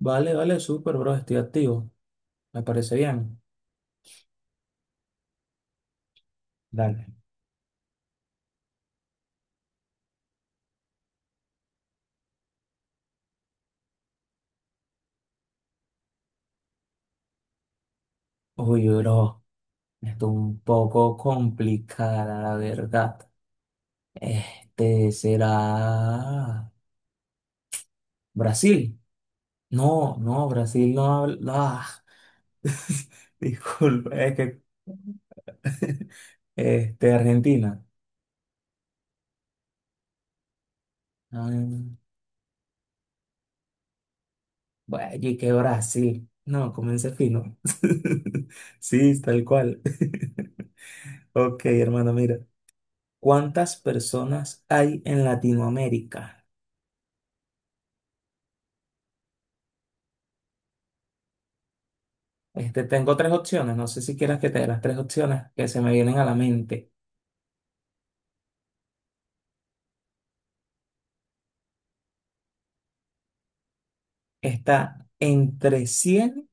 Vale, vale, súper, bro, estoy activo. Me parece bien. Dale. Uy, bro, está un poco complicada, la verdad. Será Brasil. No, no, Brasil no habla. Ah, disculpa, es que Argentina. Ah, bueno, y que Brasil. No, comencé fino. Sí, tal cual. Ok, hermano, mira. ¿Cuántas personas hay en Latinoamérica? Tengo tres opciones, no sé si quieras que te dé las tres opciones que se me vienen a la mente. Está entre 100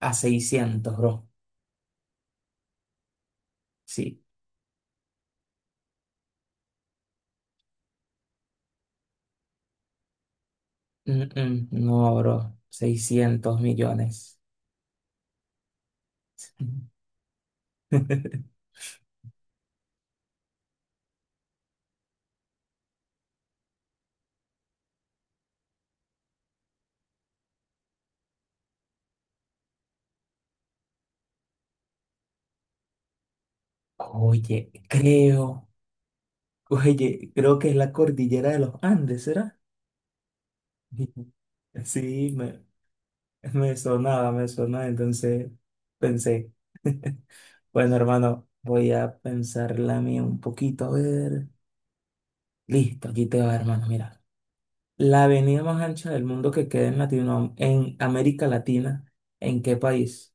a 600 bro. Sí. Mm, mm, no, bro. 600 millones. Oye, creo, oye, creo que es la cordillera de los Andes, ¿será? Sí, me, me sonaba, entonces pensé. Bueno, hermano, voy a pensarla mía un poquito, a ver. Listo, aquí te va, hermano. Mira, la avenida más ancha del mundo que queda en Latino, en América Latina, ¿en qué país?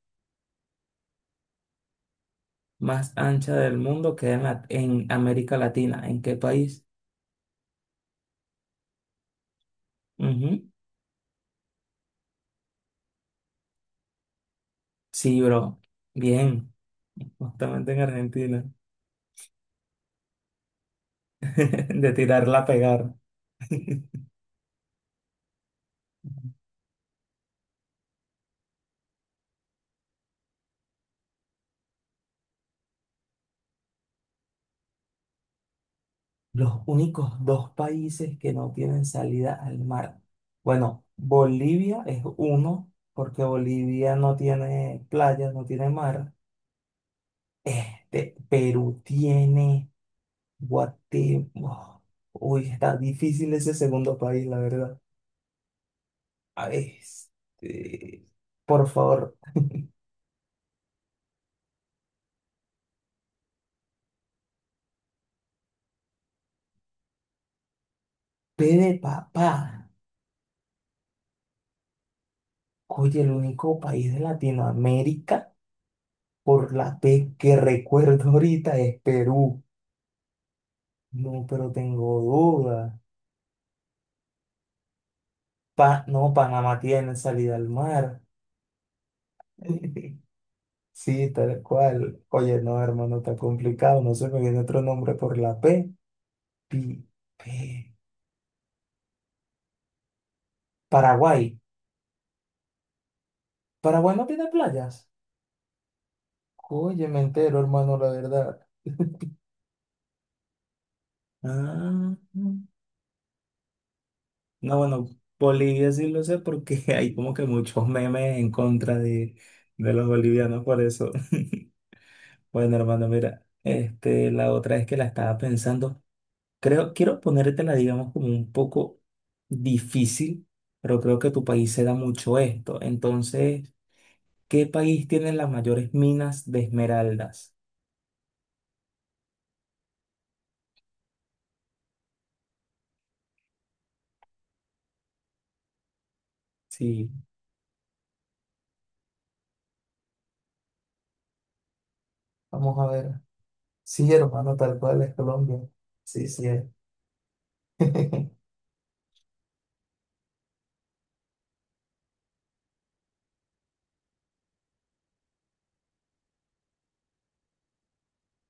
Más ancha del mundo queda en, la- en América Latina, ¿en qué país? Ujú. Sí, bro. Bien, justamente en Argentina. De tirarla a pegar. Los únicos dos países que no tienen salida al mar. Bueno, Bolivia es uno, porque Bolivia no tiene playas, no tiene mar. Perú tiene Guatemala. Uy, está difícil ese segundo país, la verdad. A ver, por favor, P de papá. Oye, el único país de Latinoamérica por la P que recuerdo ahorita es Perú. No, pero tengo dudas. Pa- no, Panamá tiene salida al mar. Sí, tal cual. Oye, no, hermano, está complicado. No se me viene otro nombre por la P. Pi- P. Paraguay. Paraguay no tiene playas. Oye, me entero, hermano, la verdad. Ah, no, bueno, Bolivia sí lo sé porque hay como que muchos memes en contra de los bolivianos por eso. Bueno, hermano, mira, la otra es que la estaba pensando. Creo, quiero ponértela, digamos, como un poco difícil, pero creo que tu país se da mucho esto. Entonces, ¿qué país tiene las mayores minas de esmeraldas? Sí. Vamos a ver. Sí, hermano, tal cual es Colombia. Sí, sí es.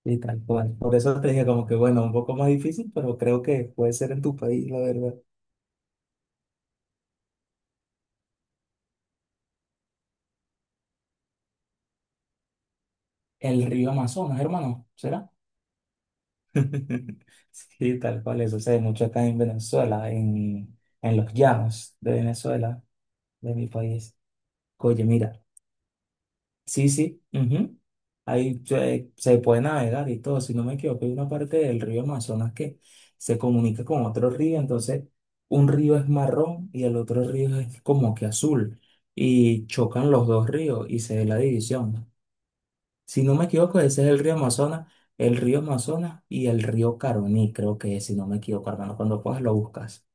Y tal cual. Por eso te dije como que, bueno, un poco más difícil, pero creo que puede ser en tu país, la verdad. El río Amazonas, hermano, ¿será? Sí, tal cual. Eso se ve mucho acá en los llanos de Venezuela, de mi país. Oye, mira. Sí, sí, ujú. Ahí se, se puede navegar y todo. Si no me equivoco, hay una parte del río Amazonas que se comunica con otro río. Entonces, un río es marrón y el otro río es como que azul. Y chocan los dos ríos y se ve la división. Si no me equivoco, ese es el río Amazonas y el río Caroní, creo que es, si no me equivoco, hermano. Cuando puedas lo buscas.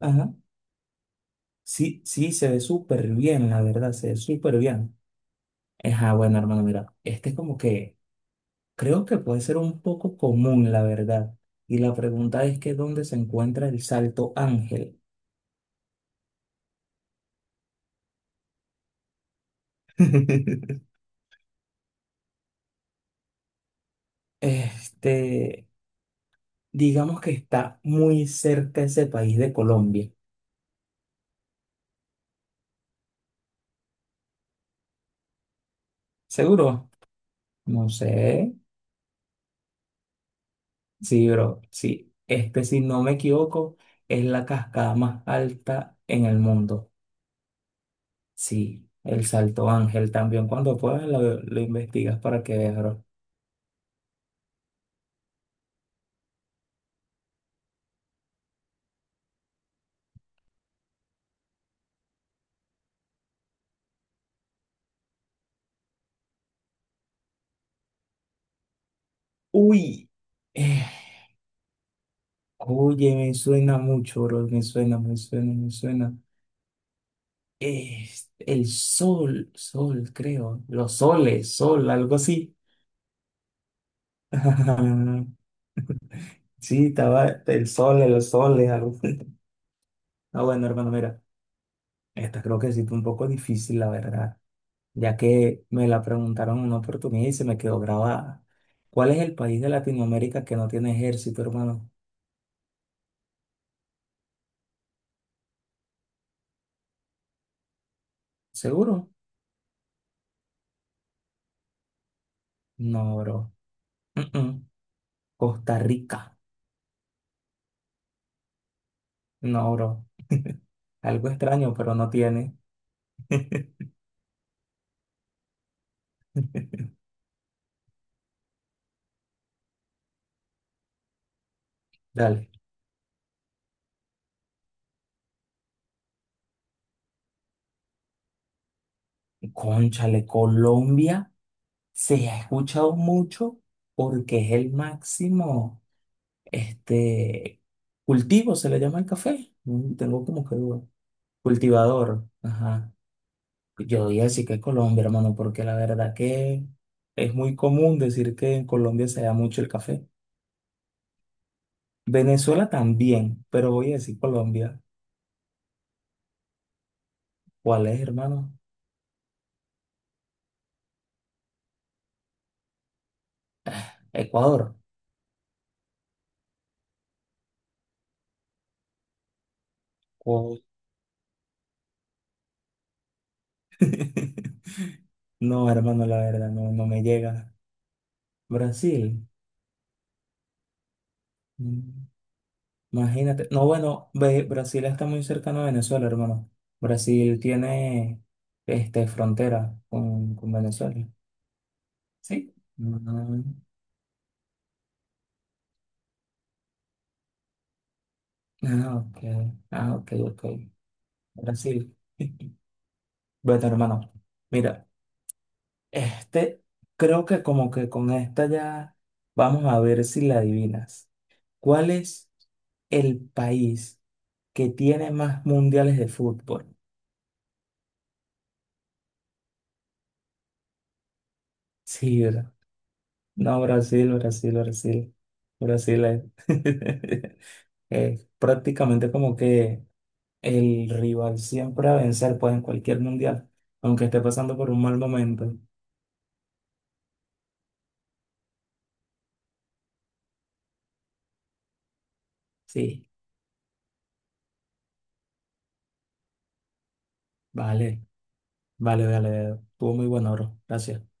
Ajá. Sí, sí, se ve súper bien, la verdad, se ve súper bien. Ajá, bueno, hermano, mira, este es como que. Creo que puede ser un poco común, la verdad. Y la pregunta es que ¿dónde se encuentra el Salto Ángel? Este, digamos que está muy cerca ese país de Colombia. ¿Seguro? No sé. Sí, bro. Sí. Si no me equivoco, es la cascada más alta en el mundo. Sí, el Salto Ángel también. Cuando puedas lo investigas para que veas, bro. Uy. Eh, Oye, me suena mucho, bro. Me suena, me suena, me suena. Es el sol, sol, creo. Los soles, sol, algo así. Sí, estaba el sol, los soles, algo. Ah, bueno, hermano, mira. Esta creo que sí fue un poco difícil, la verdad. Ya que me la preguntaron en una oportunidad y se me quedó grabada. ¿Cuál es el país de Latinoamérica que no tiene ejército, hermano? ¿Seguro? No, bro. Mm, mm. Costa Rica. No, bro. Algo extraño, pero no tiene. Dale. Cónchale, Colombia se ha escuchado mucho porque es el máximo este, cultivo, se le llama el café. Mm, tengo como que duda. Cultivador. Ajá. Yo diría sí que Colombia, hermano, porque la verdad que es muy común decir que en Colombia se da mucho el café. Venezuela también, pero voy a decir Colombia. ¿Cuál es, hermano? Ecuador. No, hermano, la verdad, no, no me llega. Brasil, mm, imagínate. No, bueno, ve- Brasil está muy cercano a Venezuela, hermano. Brasil tiene frontera con Venezuela. ¿Sí? Mm, ah, ok. Ah, ok, ok. Brasil. Bueno, hermano, mira, este, creo que como que con esta ya vamos a ver si la adivinas. ¿Cuál es el país? Que tiene más mundiales de fútbol. Sí, bra- no, Brasil, Brasil, Brasil. Brasil es, es prácticamente como que el rival siempre a vencer, pues en cualquier mundial, aunque esté pasando por un mal momento. Sí, vale, vale, vale. Vale. Estuvo muy bueno, bro. Gracias.